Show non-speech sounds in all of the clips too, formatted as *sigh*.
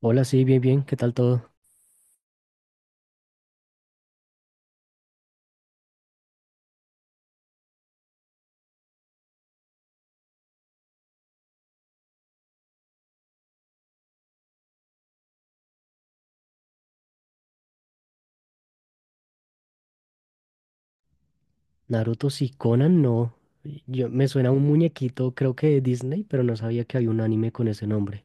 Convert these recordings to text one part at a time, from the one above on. Hola, sí, bien, bien, ¿qué tal todo? Naruto, sí. Conan, no. Yo, me suena a un muñequito, creo que de Disney, pero no sabía que había un anime con ese nombre.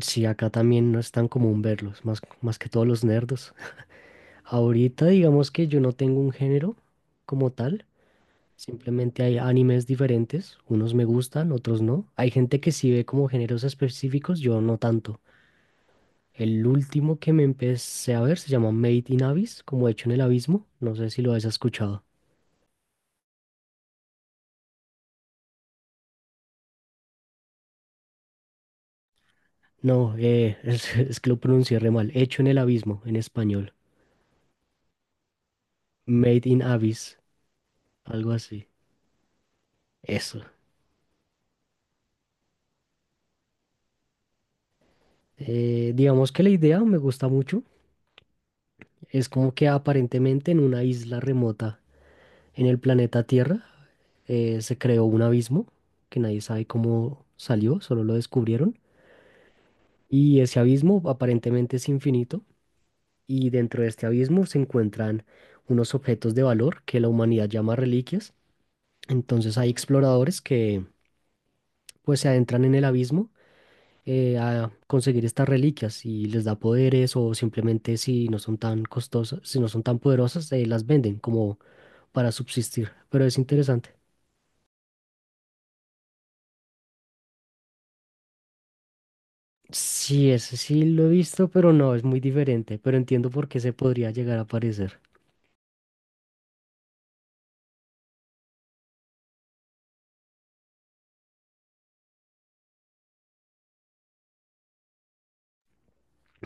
Sí, acá también no es tan común verlos, más que todos los nerdos. *laughs* Ahorita digamos que yo no tengo un género como tal, simplemente hay animes diferentes, unos me gustan, otros no. Hay gente que sí ve como géneros específicos, yo no tanto. El último que me empecé a ver se llama Made in Abyss, como hecho en el abismo, no sé si lo has escuchado. No, *laughs* es que lo pronuncié re mal. Hecho en el abismo, en español. Made in Abyss, algo así. Eso. Digamos que la idea me gusta mucho. Es como que aparentemente en una isla remota en el planeta Tierra se creó un abismo que nadie sabe cómo salió, solo lo descubrieron. Y ese abismo aparentemente es infinito. Y dentro de este abismo se encuentran unos objetos de valor que la humanidad llama reliquias. Entonces hay exploradores que pues se adentran en el abismo, a conseguir estas reliquias y les da poderes o simplemente si no son tan costosas, si no son tan poderosas, las venden como para subsistir. Pero es interesante. Sí, ese sí lo he visto, pero no, es muy diferente, pero entiendo por qué se podría llegar a parecer.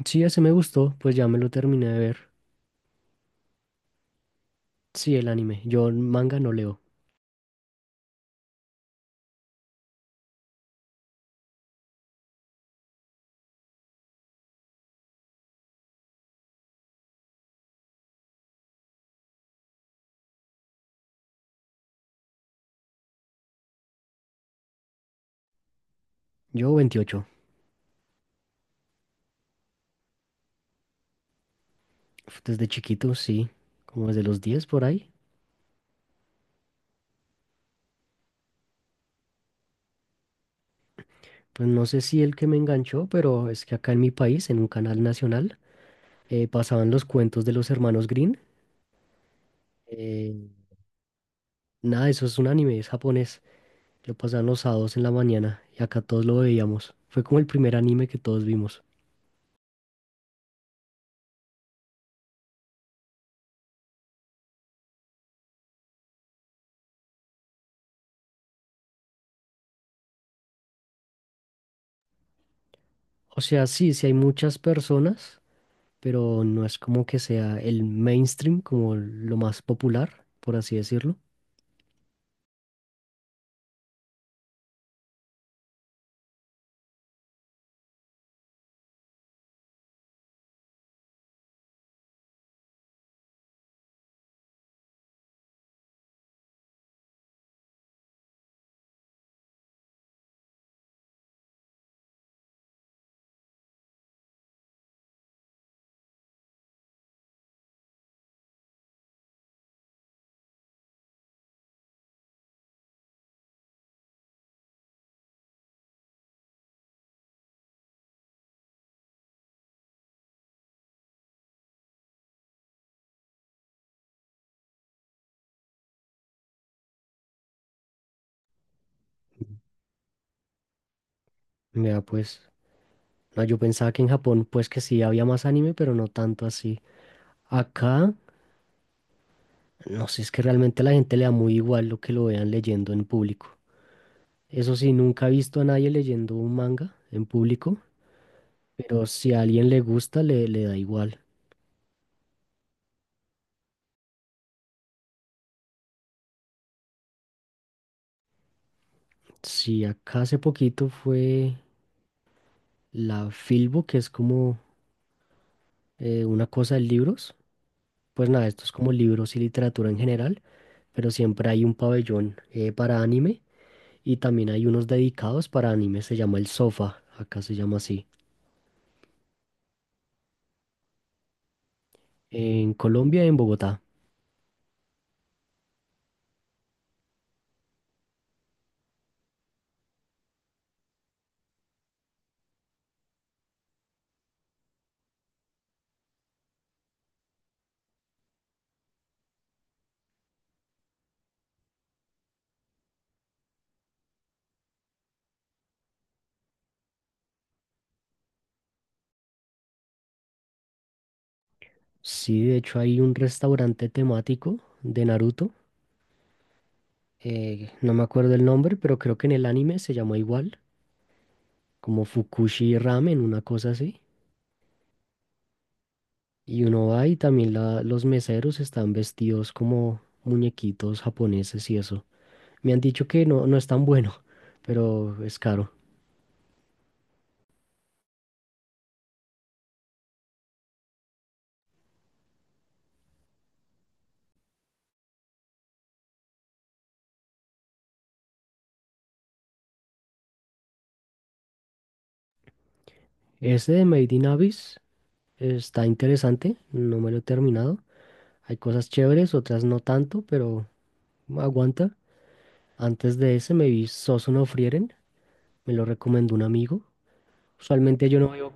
Sí, ese me gustó, pues ya me lo terminé de ver. Sí, el anime. Yo manga no leo. Yo 28. Uf, desde chiquito, sí, como desde los 10 por ahí. Pues no sé si el que me enganchó, pero es que acá en mi país, en un canal nacional, pasaban los cuentos de los hermanos Green, nada, eso es un anime, es japonés. Lo pasaban los sábados en la mañana y acá todos lo veíamos. Fue como el primer anime que todos vimos. O sea, sí, sí hay muchas personas, pero no es como que sea el mainstream, como lo más popular, por así decirlo. Mira, pues, no, yo pensaba que en Japón, pues que sí había más anime, pero no tanto así. Acá, no sé, es que realmente a la gente le da muy igual lo que lo vean leyendo en público. Eso sí, nunca he visto a nadie leyendo un manga en público, pero si a alguien le gusta, le da igual. Sí, acá hace poquito fue la Filbo, que es como una cosa de libros. Pues nada, esto es como libros y literatura en general, pero siempre hay un pabellón para anime, y también hay unos dedicados para anime, se llama el Sofa, acá se llama así, en Colombia, en Bogotá. Sí, de hecho hay un restaurante temático de Naruto. No me acuerdo el nombre, pero creo que en el anime se llamó igual, como Fukushi Ramen, una cosa así. Y uno va y también los meseros están vestidos como muñequitos japoneses y eso. Me han dicho que no, no es tan bueno, *laughs* pero es caro. Ese de Made in Abyss está interesante, no me lo he terminado. Hay cosas chéveres, otras no tanto, pero aguanta. Antes de ese me vi Sosu no Frieren. Me lo recomendó un amigo. Usualmente yo no veo.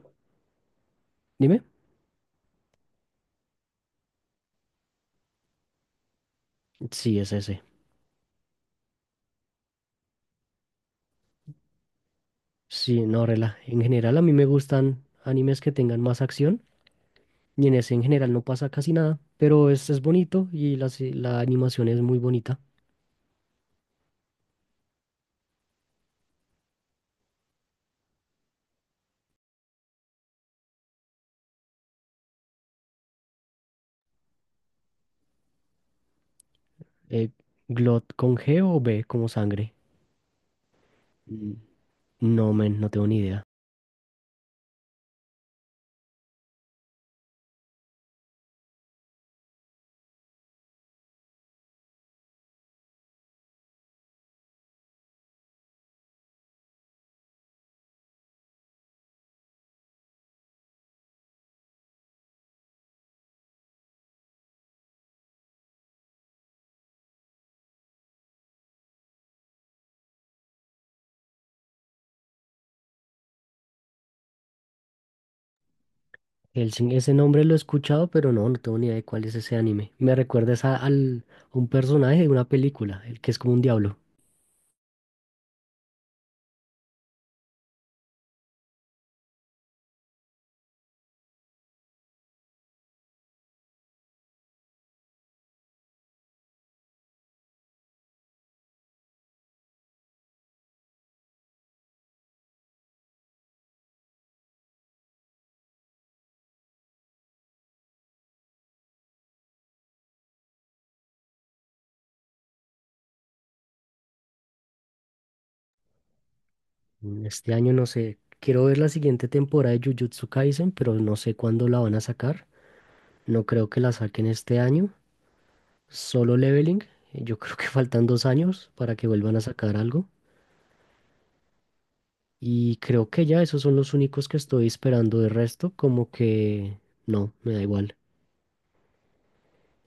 Dime. Sí, es ese. Sí, no, rela. En general a mí me gustan animes que tengan más acción, y en ese en general no pasa casi nada, pero es bonito y la, la animación es muy bonita. Eh, ¿Glot con G o B como sangre? Mm. No, men, no tengo ni idea. Hellsing, ese nombre lo he escuchado, pero no, no tengo ni idea de cuál es ese anime. Me recuerdas a, al, a un personaje de una película, el que es como un diablo. Mm, este año no sé, quiero ver la siguiente temporada de Jujutsu Kaisen, pero no sé cuándo la van a sacar. No creo que la saquen este año. Solo Leveling, yo creo que *laughs* faltan 2 años para que vuelvan a sacar algo. Y creo que ya esos son los únicos que estoy esperando. De resto, como que no, me da igual.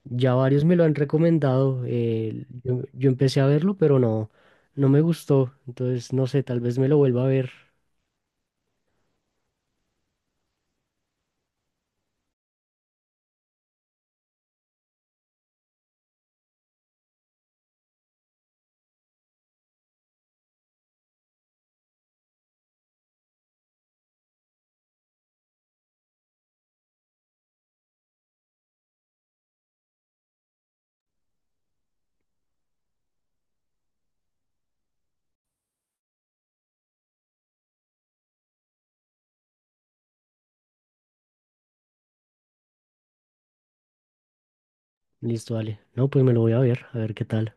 Ya varios me lo han recomendado. Yo empecé a verlo, pero no, no me gustó. Entonces, no sé, tal vez me lo vuelva a ver. Listo, vale. No, pues me lo voy a ver qué tal.